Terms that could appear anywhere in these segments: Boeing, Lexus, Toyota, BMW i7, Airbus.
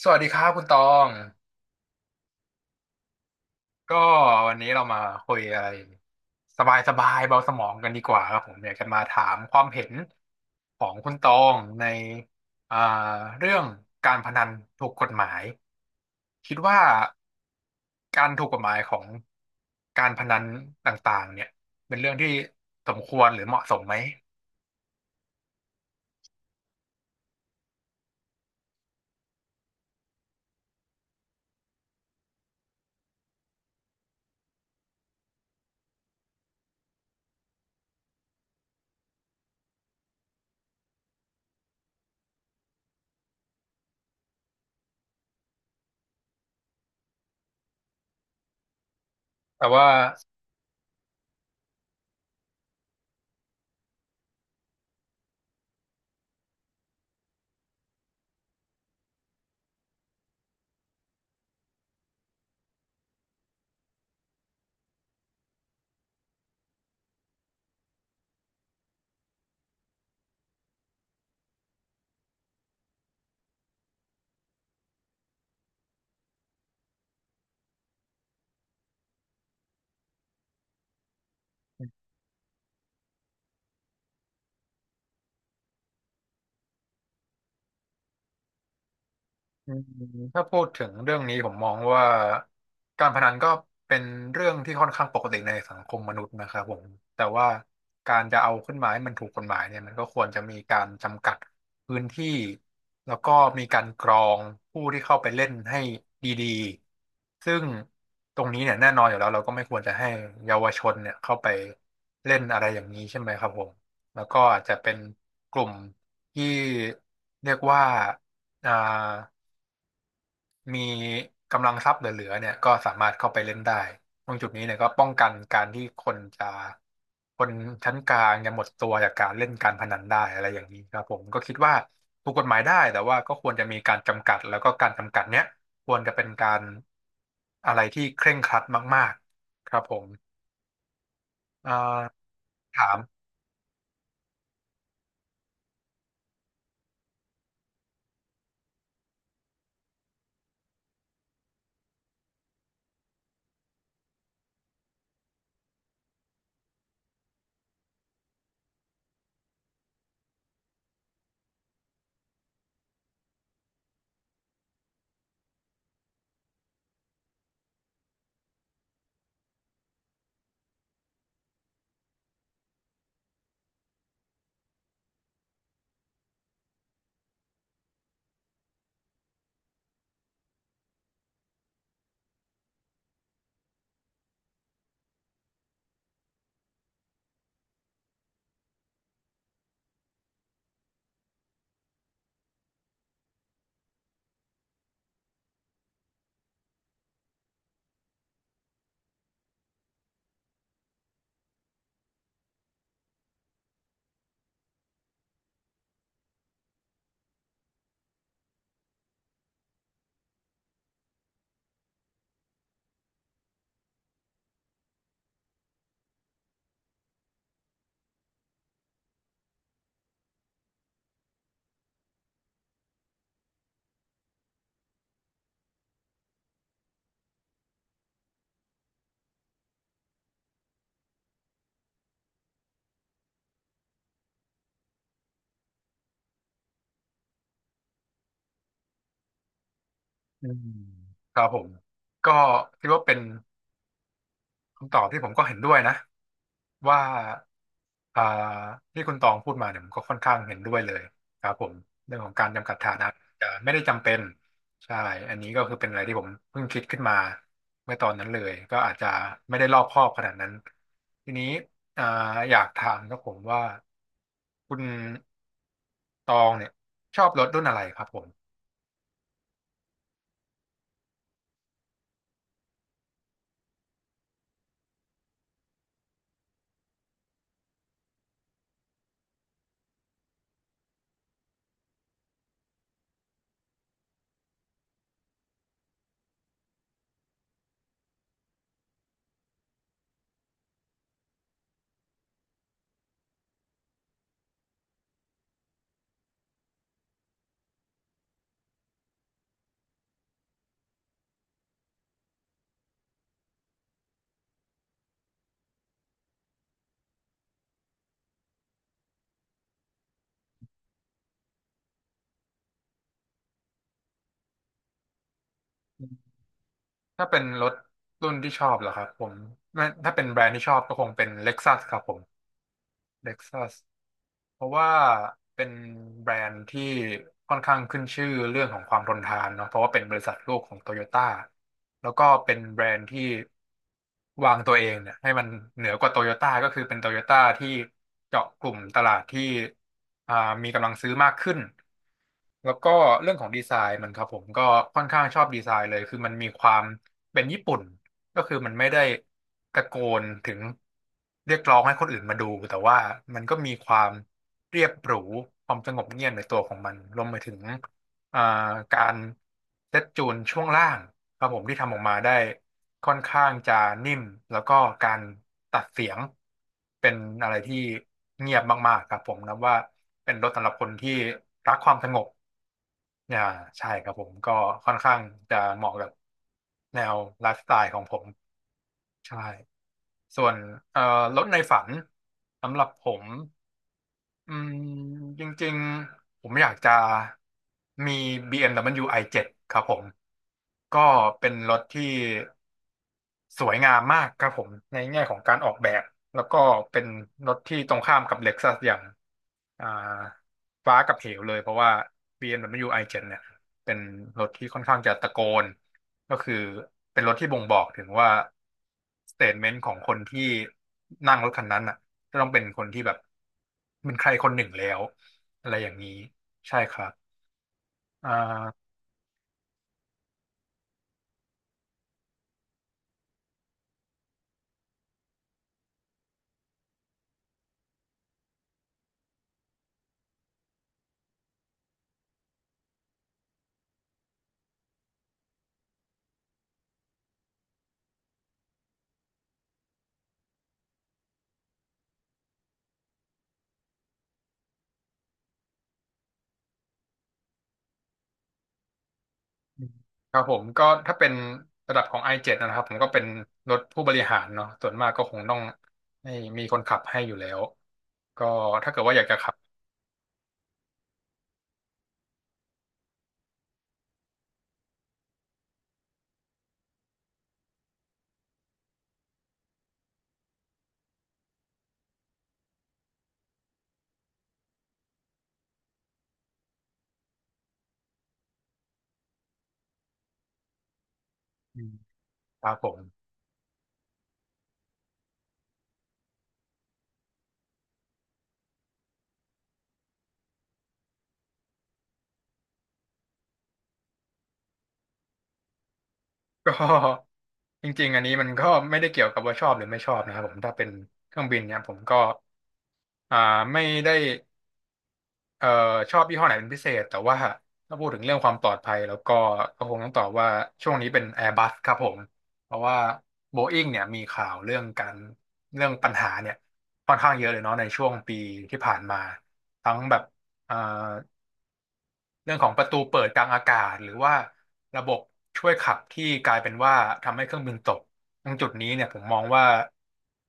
สวัสดีครับคุณตองก็วันนี้เรามาคุยอะไรสบายสบายเบาสมองกันดีกว่าครับผมอยากจะมาถามความเห็นของคุณตองในอ่าเรื่องการพนันถูกกฎหมายคิดว่าการถูกกฎหมายของการพนันต่างๆเนี่ยเป็นเรื่องที่สมควรหรือเหมาะสมไหมแต่ว่า อืมถ้าพูดถึงเรื่องนี้ผมมองว่าการพนันก็เป็นเรื่องที่ค่อนข้างปกติในสังคมมนุษย์นะครับผมแต่ว่าการจะเอาขึ้นมาให้มันถูกกฎหมายเนี่ยมันก็ควรจะมีการจำกัดพื้นที่แล้วก็มีการกรองผู้ที่เข้าไปเล่นให้ดีๆซึ่งตรงนี้เนี่ยแน่นอนอยู่แล้วเราก็ไม่ควรจะให้เยาวชนเนี่ยเข้าไปเล่นอะไรอย่างนี้ใช่ไหมครับผมแล้วก็อาจจะเป็นกลุ่มที่เรียกว่าอ่า มีกำลังทรัพย์เหลือๆเนี่ยก็สามารถเข้าไปเล่นได้ตรงจุดนี้เนี่ยก็ป้องกันการที่คนจะคนชั้นกลางจะหมดตัวจากการเล่นการพนันได้อะไรอย่างนี้ครับผมก็คิดว่าถูกกฎหมายได้แต่ว่าก็ควรจะมีการจำกัดแล้วก็การจำกัดเนี้ยควรจะเป็นการอะไรที่เคร่งครัดมากๆครับผมเอ่อถามอืมครับผมก็คิดว่าเป็นคำตอบที่ผมก็เห็นด้วยนะว่า อ่าที่คุณตองพูดมาเนี่ยผมก็ค่อนข้างเห็นด้วยเลยครับผมเรื่องของการจำกัดฐานะจะไม่ได้จำเป็นใช่อันนี้ก็คือเป็นอะไรที่ผมเพิ่งคิดขึ้นมาเมื่อตอนนั้นเลยก็อาจจะไม่ได้รอบคอบขนาดนั้นทีนี้อ่าอยากถามครับผมว่าคุณตองเนี่ยชอบรถรุ่นอะไรครับผมถ้าเป็นรถรุ่นที่ชอบเหรอครับผมไม่ถ้าเป็นแบรนด์ที่ชอบก็คงเป็น Lexus ครับผม เท็กซัสเพราะว่าเป็นแบรนด์ที่ค่อนข้างขึ้นชื่อเรื่องของความทนทานเนาะเพราะว่าเป็นบริษัทลูกของโตโยต้าแล้วก็เป็นแบรนด์ที่วางตัวเองเนี่ยให้มันเหนือกว่าโตโยต้าก็คือเป็นโตโยต้าที่เจาะกลุ่มตลาดที่อ่ามีกำลังซื้อมากขึ้นแล้วก็เรื่องของดีไซน์มันครับผมก็ค่อนข้างชอบดีไซน์เลยคือมันมีความเป็นญี่ปุ่น ก็คือมันไม่ได้ตะโกนถึงเรียกร้องให้คนอื่นมาดูแต่ว่ามันก็มีความเรียบหรูความสงบเงียบในตัวของมันรวมไปถึงเอ่การเซตจูนช่วงล่างครับผมที่ทำออกมาได้ค่อนข้างจะนิ่มแล้วก็การตัดเสียงเป็นอะไรที่เงียบมากๆครับผมนับว่าเป็นรถสำหรับคนที่รักความสงบอ่าใช่ครับผมก็ค่อนข้างจะเหมาะกับแนวไลฟ์สไตล์ของผม ใช่ ส่วนเอ่อรถในฝันสำหรับผมอืมจริงๆผมอยากจะมี BMW i7 ครับผมก็เป็นรถที่ สวยงามมากครับผมในแง่ของการออกแบบแล้วก็เป็นรถที่ตรงข้ามกับเล็กซัสอย่างอ่าฟ้ากับเหวเลยเพราะว่า BMW i7 เอ็มดับเบิลยูไอเจ็ดเนี่ยเป็นรถที่ค่อนข้างจะตะโกนก็คือเป็นรถที่บ่งบอกถึงว่าสเต t เมนต์ของคนที่นั่งรถคันนั้นอ่ะจะต้องเป็นคนที่แบบเป็นใครคนหนึ่งแล้วอะไรอย่างนี้ใช่ครับอ่า ครับผมก็ถ้าเป็นระดับของ i7 นะครับผมก็เป็นรถผู้บริหารเนาะส่วนมากก็คงต้องให้มีคนขับให้อยู่แล้วก็ถ้าเกิดว่าอยากจะขับอืมครับผม ก็จริงๆอันนี้มันก็ไม่ได้เกี่ยวกับว่าชอบหรือไม่ชอบนะครับผมถ้าเป็นเครื่องบินเนี่ยผมก็อ่าไม่ได้ เอ่อชอบยี่ห้อไหนเป็นพิเศษแต่ว่าถ้าพูดถึงเรื่องความปลอดภัยแล้วก็ก็คงต้องตอบว่าช่วงนี้เป็น Airbus ครับผมเพราะว่า Boeing เนี่ยมีข่าวเรื่องการเรื่องปัญหาเนี่ยค่อนข้างเยอะเลยเนาะในช่วงปีที่ผ่านมาทั้งแบบเอ่อ เรื่องของประตูเปิดกลางอากาศหรือว่าระบบช่วยขับที่กลายเป็นว่าทำให้เครื่องบินตกตรงจุดนี้เนี่ยผมมองว่า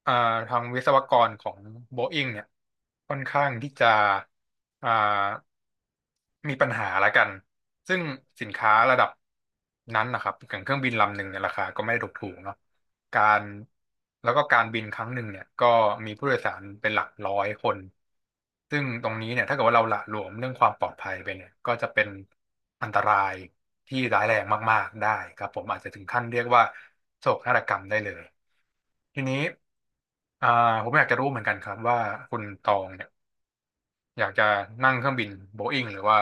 เอ่อทางวิศวกรของโบอิงเนี่ยค่อนข้างที่จะอ่ามีปัญหาละกัน ซึ่งสินค้าระดับนั้นนะครับอย่างเครื่องบินลำหนึ่งเนี่ยราคาก็ไม่ได้ถูกๆเนาะการแล้วก็การบินครั้งหนึ่งเนี่ยก็มีผู้โดยสารเป็นหลักร้อยคน ซึ่งตรงนี้เนี่ยถ้าเกิดว่าเราหละหลวมเรื่องความปลอดภัยไปเนี่ยก็จะเป็นอันตรายที่ร้ายแรงมากๆได้ครับผมอาจจะถึงขั้นเรียกว่าโศกนาฏกรรมได้เลยทีนี้อ่าผมอยากจะรู้เหมือนกันครับว่าคุณตองเนี่ยอยากจะนั่งเครื่องบินโบอิ้งหรือว่า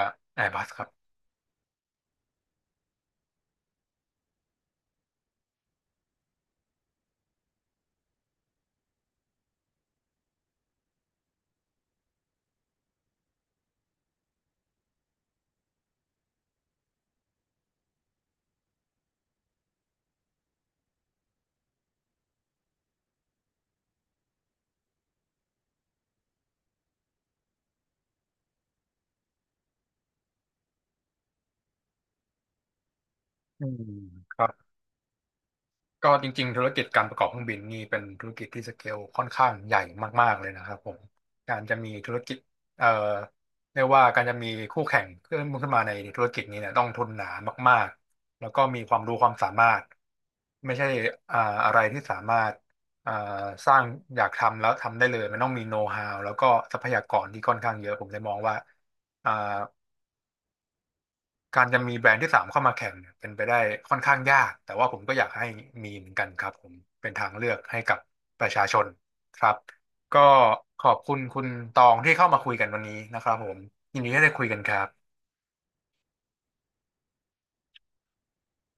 อืมครับ ก็จริงๆธุรกิจการประกอบเครื่องบินนี่เป็นธุรกิจที่สเกลค่อนข้างใหญ่มากๆเลยนะครับผมการจะมีธุรกิจเอ่อเรียกว่าการจะมีคู่แข่งขึ้นมาในธุรกิจนี้เนี่ยต้องทุนหนามากๆแล้วก็มีความรู้ความสามารถไม่ใช่อ่าอะไรที่สามารถอ่าสร้างอยากทำแล้วทำได้เลยมันต้องมีโน้ตฮาวแล้วก็ทรัพยากรที่ค่อนข้างเยอะผมเลยมองว่าอ่า การจะมีแบรนด์ที่สามเข้ามาแข่งเนี่ยเป็นไปได้ค่อนข้างยากแต่ว่าผมก็อยากให้มีเหมือนกันครับผมเป็นทางเลือกให้กับประชาชนครับก็ขอบคุณคุณตองที่เข้ามาคุยกันวันนี้นะครับผมยินดีที่ได้คุยกันครับ